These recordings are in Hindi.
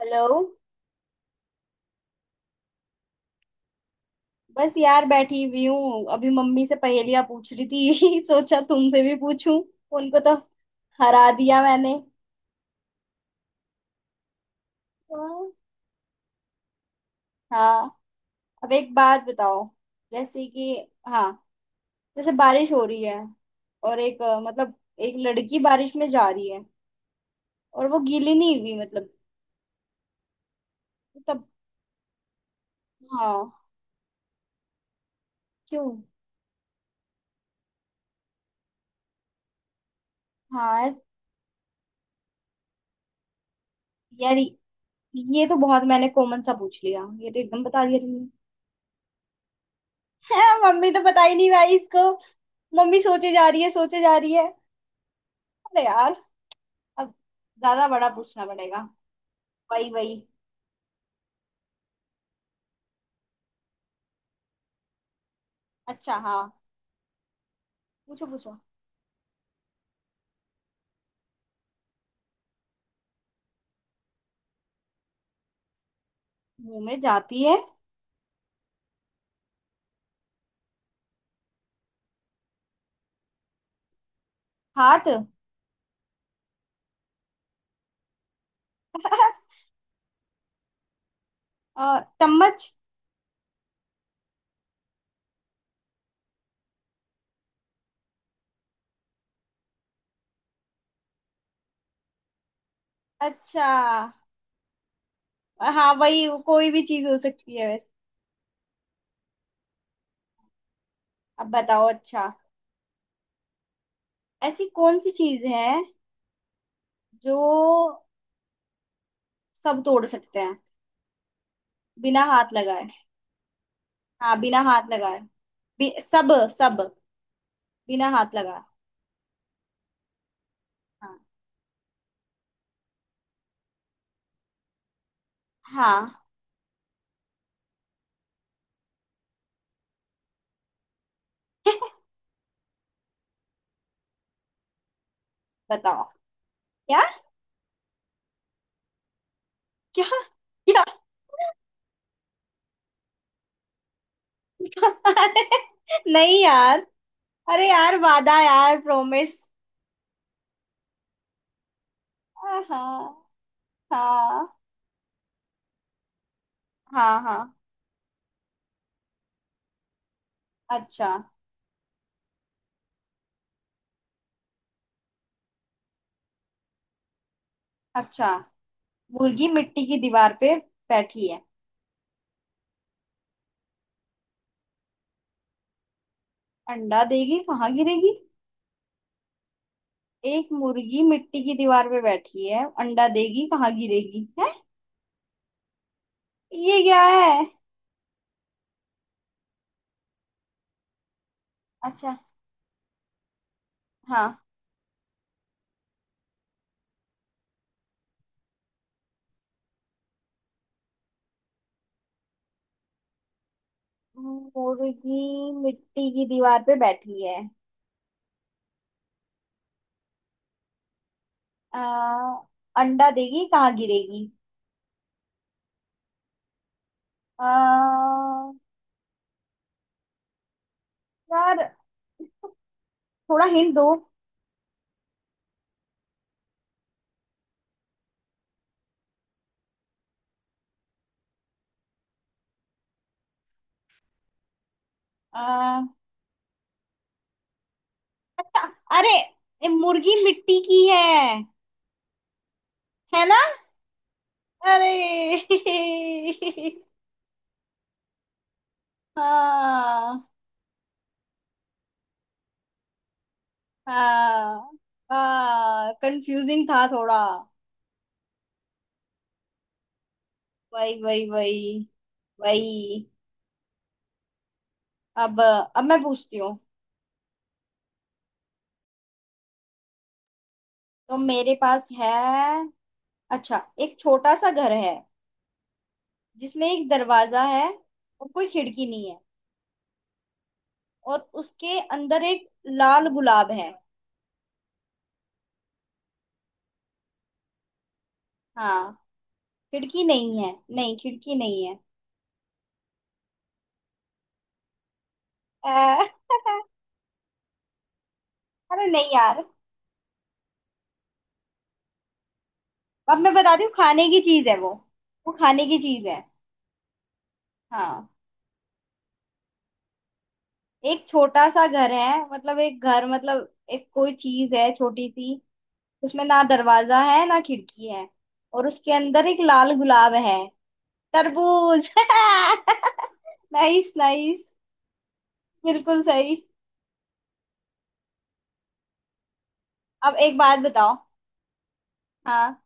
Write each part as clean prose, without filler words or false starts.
हेलो। बस यार बैठी हुई हूँ। अभी मम्मी से पहेलियां पूछ रही थी सोचा तुमसे भी पूछूं। उनको तो हरा दिया मैंने। वाह। हाँ, अब एक बात बताओ। जैसे कि हाँ, जैसे बारिश हो रही है और एक मतलब एक लड़की बारिश में जा रही है और वो गीली नहीं हुई, मतलब तब हाँ, क्यों। हाँ यार, ये तो बहुत मैंने कॉमन सा पूछ लिया, ये तो एकदम बता दिया तुमने मम्मी तो बता ही नहीं भाई इसको। मम्मी सोचे जा रही है, सोचे जा रही है। अरे यार, अब ज्यादा बड़ा पूछना पड़ेगा। वही वही। अच्छा हाँ, पूछो पूछो। मुंह में जाती है हाथ और चम्मच। अच्छा हाँ, वही वो कोई भी चीज हो सकती है वैसे। अब बताओ अच्छा, ऐसी कौन सी चीज है जो सब तोड़ सकते हैं बिना हाथ लगाए। हाँ, बिना हाथ लगाए। सब सब बिना हाथ लगाए। हाँ। हाँ बताओ। क्या क्या क्या नहीं यार, अरे यार वादा यार प्रोमिस। हाँ। हाँ। हाँ। हाँ। अच्छा। अच्छा मुर्गी मिट्टी की दीवार पे बैठी है, अंडा देगी कहाँ गिरेगी। एक मुर्गी मिट्टी की दीवार पे बैठी है अंडा देगी कहाँ गिरेगी है। ये क्या है। अच्छा हाँ, मुर्गी मिट्टी की दीवार पे बैठी है। आ, अंडा देगी कहाँ गिरेगी। आ, यार, थोड़ा हिंट दो। आ, अरे, ये मुर्गी मिट्टी की है ना। अरे हाँ। हाँ। हाँ, कंफ्यूजिंग था थोड़ा। वही वही वही। वही अब मैं पूछती हूँ। तो मेरे पास है अच्छा, एक छोटा सा घर है जिसमें एक दरवाजा है और कोई खिड़की नहीं है और उसके अंदर एक लाल गुलाब है। हाँ, खिड़की नहीं है, नहीं खिड़की नहीं है। अरे नहीं यार, अब मैं बताती हूँ, खाने की चीज है वो। वो खाने की चीज है। हाँ, एक छोटा सा घर है मतलब एक घर, मतलब एक कोई चीज है छोटी सी। उसमें ना दरवाजा है ना खिड़की है और उसके अंदर एक लाल गुलाब है। तरबूज नाइस नाइस। बिल्कुल सही। अब एक बात बताओ। हाँ।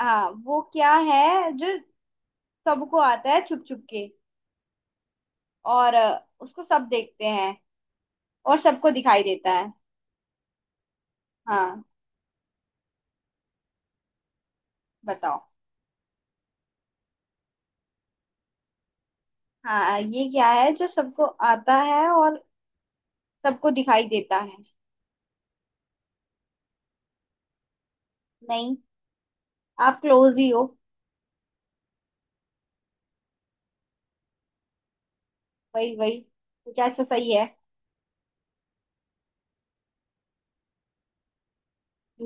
हाँ, वो क्या है जो सबको आता है छुप छुप के और उसको सब देखते हैं और सबको दिखाई देता है। हाँ, बताओ। हाँ, ये क्या है जो सबको आता है और सबको दिखाई देता है। नहीं, आप क्लोज ही हो। वही वही, कुछ ऐसा सही है।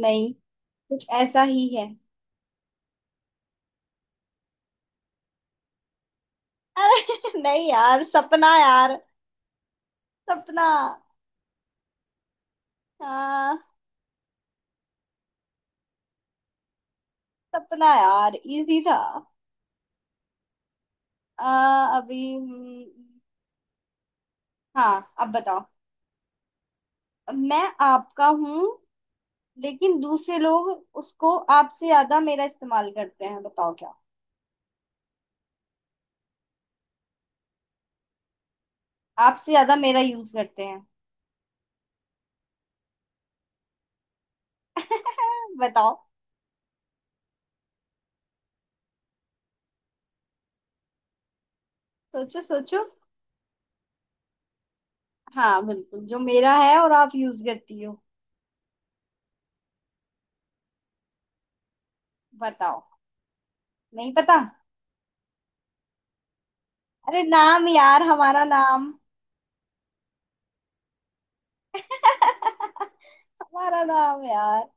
नहीं, कुछ ऐसा ही है। अरे नहीं यार, सपना यार। सपना। हाँ। सपना यार, इजी था। अभी हाँ, अब बताओ। मैं आपका हूँ लेकिन दूसरे लोग उसको आपसे ज्यादा मेरा इस्तेमाल करते हैं, बताओ क्या। आपसे ज्यादा मेरा यूज करते हैं बताओ। सोचो सोचो। हाँ, बिल्कुल जो मेरा है और आप यूज करती हो। बताओ। नहीं पता। अरे नाम यार, हमारा नाम हमारा नाम यार,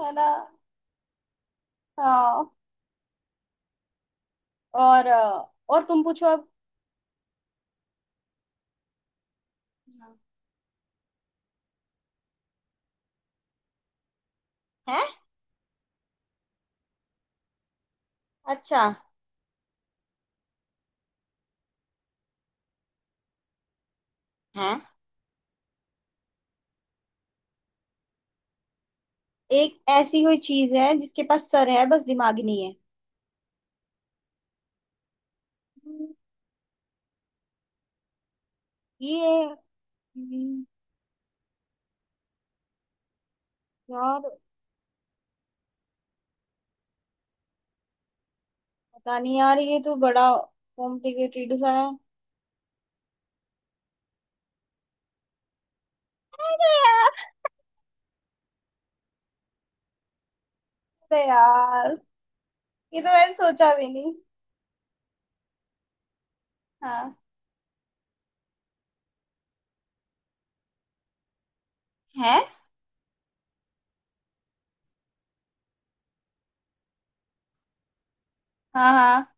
है ना। हाँ। और और तुम पूछो अब। हाँ। है अच्छा है, एक ऐसी कोई चीज है जिसके पास सर है बस दिमाग नहीं है। हम्म, ये हम्म, यार, पता नहीं यार, ये तो बड़ा कॉम्प्लिकेटेड सा है। अरे यार। अरे यार, ये तो मैंने सोचा भी नहीं। हाँ। है। हाँ। हाँ।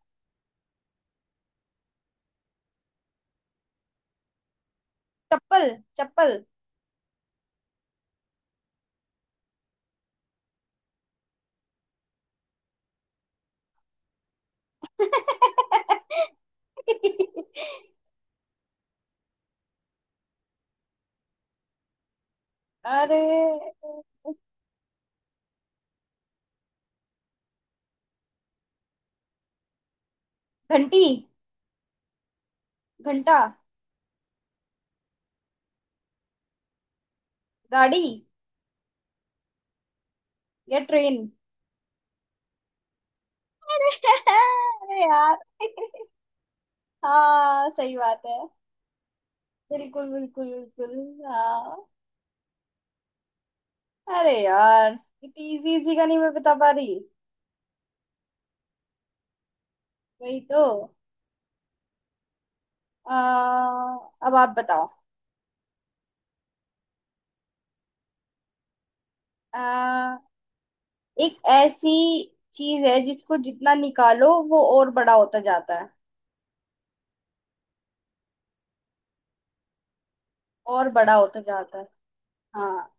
चप्पल चप्पल अरे घंटी, घंटा, गाड़ी या ट्रेन। अरे यार। हाँ सही बात है। बिल्कुल बिल्कुल बिल्कुल। हाँ। अरे यार, इतनी इजी इजी का नहीं मैं बता पा रही। वही तो। आ, अब आप बताओ। आ, एक ऐसी चीज है जिसको जितना निकालो वो और बड़ा होता जाता है। और बड़ा होता जाता है। हाँ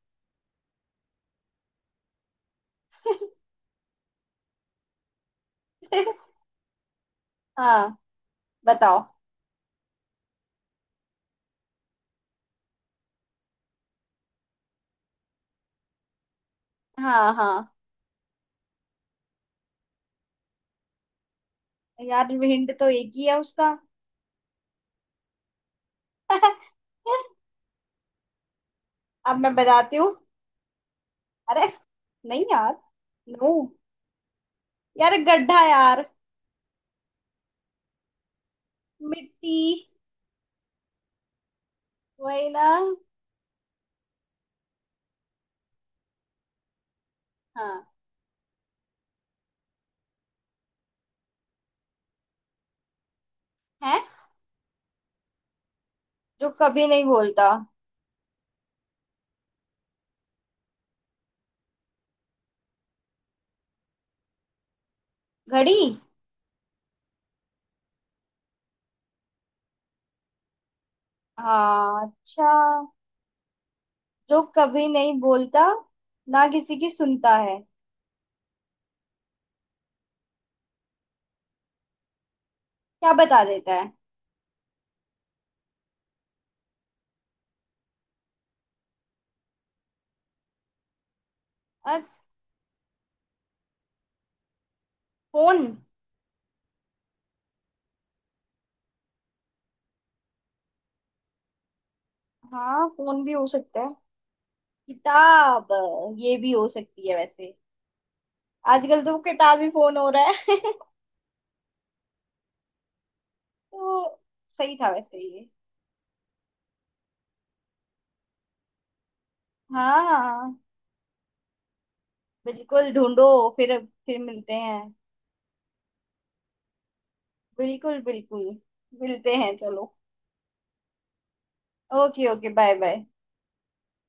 हाँ, बताओ। हाँ। हाँ, यार हिंट तो एक ही है उसका अब मैं बताती हूँ। अरे नहीं यार, नो। यार गड्ढा यार, मिट्टी, वही ना। हाँ। है। जो कभी नहीं बोलता। घड़ी। हाँ अच्छा। जो कभी नहीं बोलता ना किसी की सुनता है। क्या बता देता है। अ, फोन। हाँ, फोन भी हो सकता है। किताब, ये भी हो सकती है वैसे। आजकल तो किताबी फोन हो रहा है तो सही था वैसे ये। हाँ, बिल्कुल ढूंढो। फिर फिर मिलते हैं। बिल्कुल बिल्कुल। मिलते हैं चलो। Okay, okay bye bye.